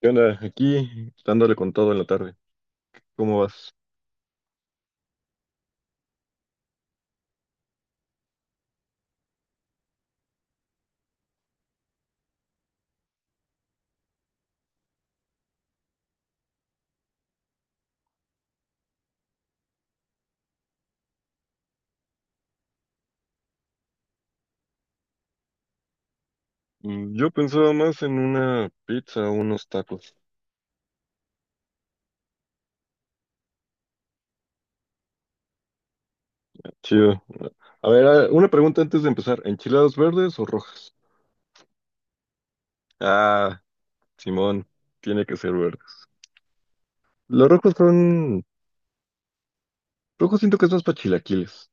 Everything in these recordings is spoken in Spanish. ¿Qué onda? Aquí dándole con todo en la tarde. ¿Cómo vas? Mm, yo pensaba más en una pizza o unos tacos. Chido. A ver, una pregunta antes de empezar. ¿Enchiladas verdes o rojas? Ah, simón, tiene que ser verdes. Los rojos son... Rojos siento que es más para chilaquiles.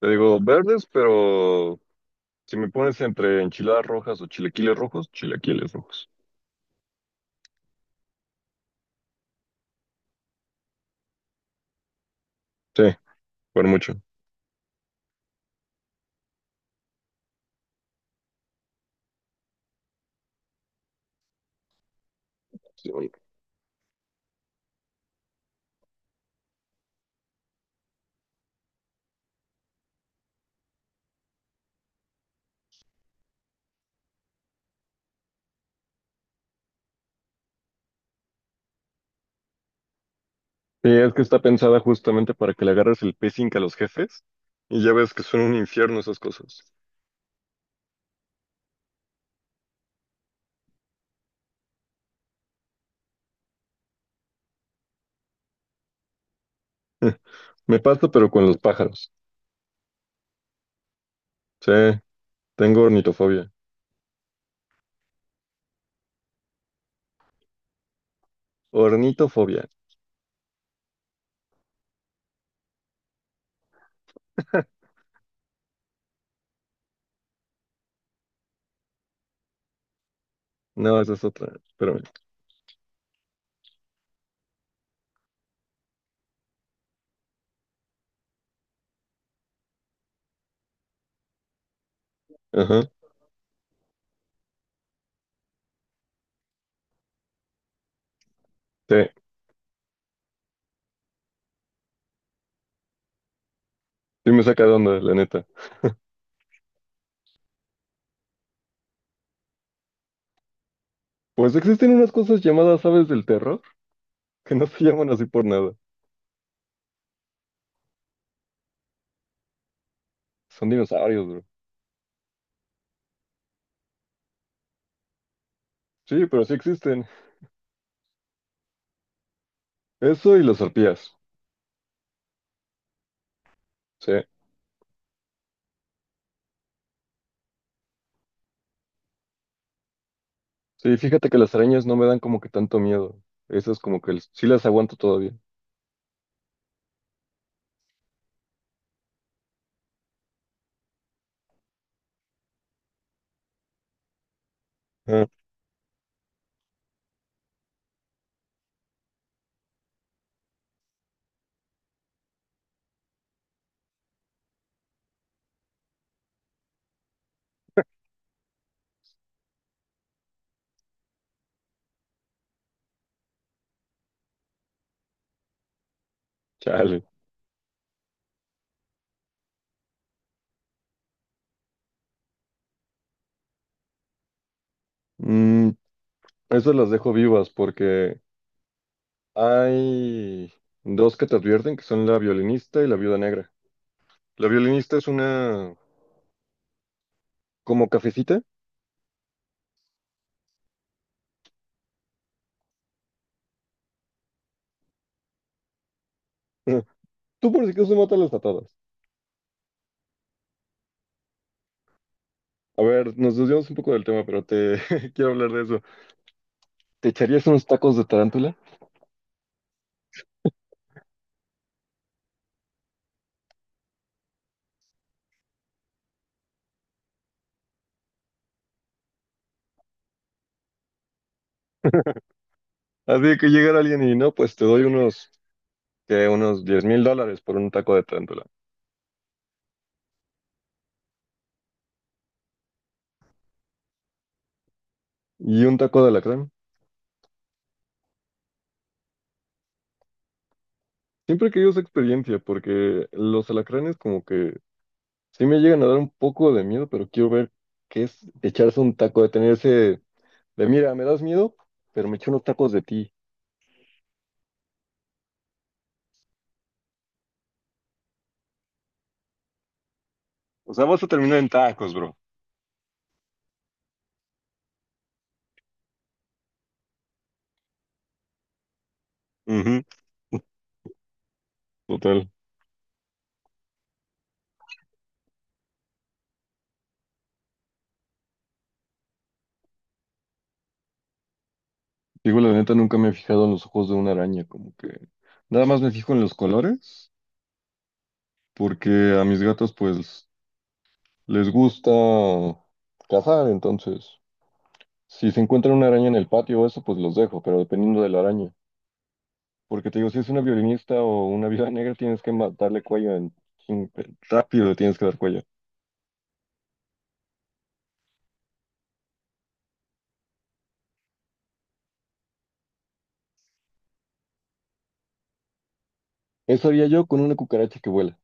Te digo verdes, pero si me pones entre enchiladas rojas o chilaquiles rojos, chilaquiles rojos. Sí, por mucho. Sí, es que está pensada justamente para que le agarres el pacing a los jefes y ya ves que son un infierno esas cosas. Me pasa, pero con los pájaros. Sí, tengo ornitofobia. Ornitofobia. No, esa es otra. Espérame. Ajá. Sí, sí me saca de onda, la neta. Pues existen unas cosas llamadas aves del terror que no se llaman así por nada. Son dinosaurios, bro. Sí, pero sí existen. Eso y las arpías. Sí. Sí, fíjate que las arañas no me dan como que tanto miedo. Esas como que sí las aguanto todavía. Ah, chale. Mm, esas las dejo vivas porque hay dos que te advierten, que son la violinista y la viuda negra. La violinista es una como cafecita. Tú por si acaso mátalas las todas. A ver, nos desviamos un poco del tema, pero te quiero hablar de eso. ¿Te echarías unos tacos de tarántula? Así que llegara alguien y no, pues te doy unos, que unos $10,000 por un taco de tarántula. Y un taco de alacrán. Siempre he querido esa experiencia porque los alacranes como que sí me llegan a dar un poco de miedo, pero quiero ver qué es echarse un taco, detenerse de, mira, me das miedo, pero me echo unos tacos de ti. O sea, vas a terminar en tacos, bro. Ujú, total. Digo, la neta, nunca me he fijado en los ojos de una araña, como que nada más me fijo en los colores, porque a mis gatos, pues, les gusta cazar, entonces, si se encuentran una araña en el patio o eso, pues los dejo, pero dependiendo de la araña. Porque te digo, si es una violinista o una viuda negra, tienes que darle cuello chin- rápido le tienes que dar cuello. Eso haría yo con una cucaracha que vuela,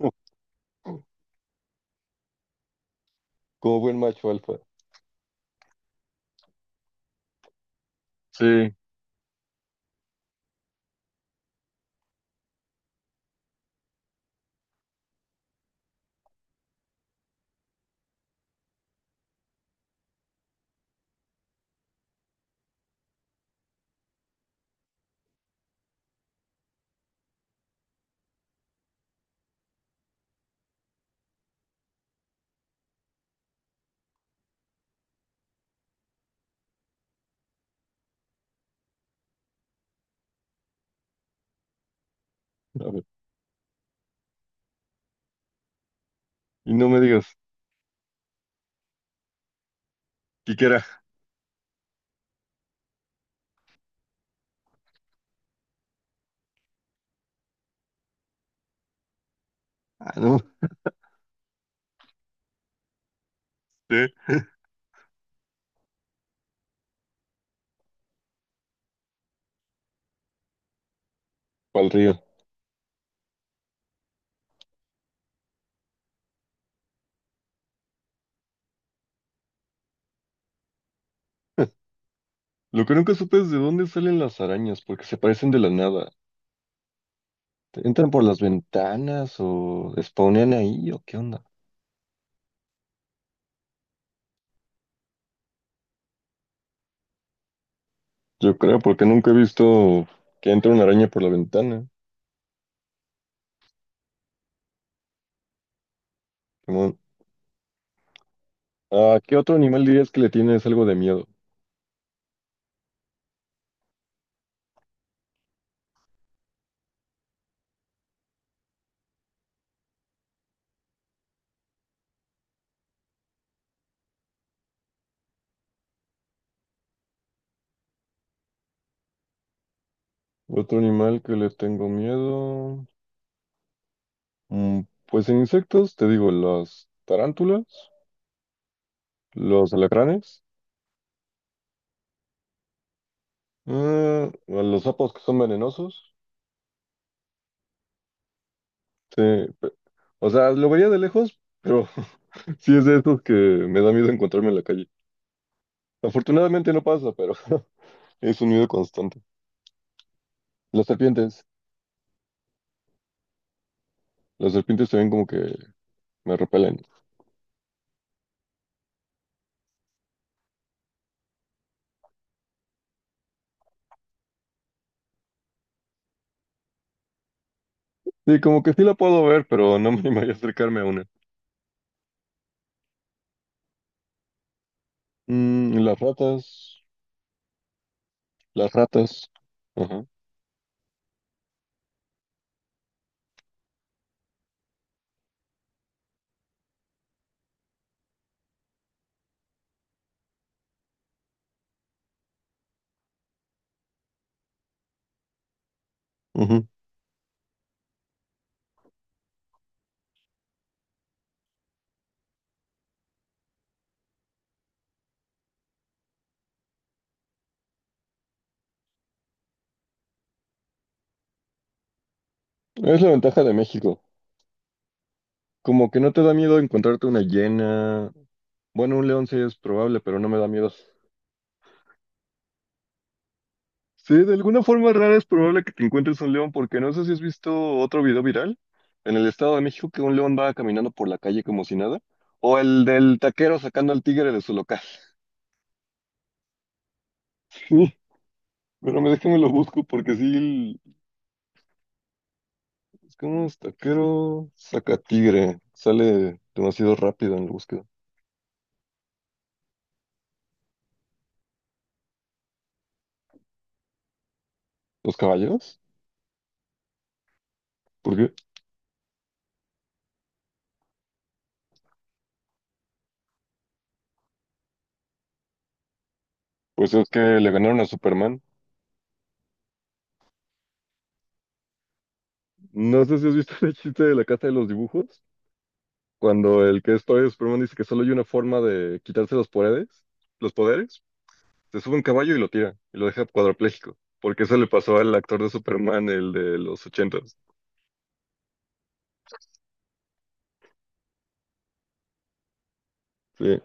como buen macho alfa. Sí, a ver, y no me digas, Quiquera. Ah, no, sí, pa'l río. Lo que nunca supe es de dónde salen las arañas, porque se parecen de la nada. ¿Entran por las ventanas o spawnean ahí o qué onda? Yo creo, porque nunca he visto que entre una araña por la ventana. Simón. ¿A qué otro animal dirías que le tienes algo de miedo? Otro animal que le tengo miedo. Mm, pues en insectos, te digo, las tarántulas, los alacranes, ah, a los sapos que son venenosos. Sí, pe- o sea, lo vería de lejos, pero sí es de estos que me da miedo encontrarme en la calle. Afortunadamente no pasa, pero es un miedo constante. Las serpientes, las serpientes también como que me repelen. Sí, como que sí la puedo ver, pero no me animaría a acercarme a una. Mm, y las ratas, las ratas. Ajá. Ujú. Es la ventaja de México. Como que no te da miedo encontrarte una hiena. Bueno, un león sí es probable, pero no me da miedo. Sí, de alguna forma rara es probable que te encuentres un león, porque no sé si has visto otro video viral en el Estado de México que un león va caminando por la calle como si nada, o el del taquero sacando al tigre de su local. Sí, pero me déjame lo busco porque sí, es como es taquero saca tigre, sale demasiado rápido en la búsqueda. ¿Los caballeros? ¿Por qué? Pues es que le ganaron a Superman. No sé si has visto el chiste de la casa de los dibujos, cuando el que es todavía Superman dice que solo hay una forma de quitarse los poderes, los poderes, se sube un caballo y lo tira, y lo deja cuadrapléjico, porque eso le pasó al actor de Superman, el de los 80. Sí,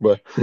va.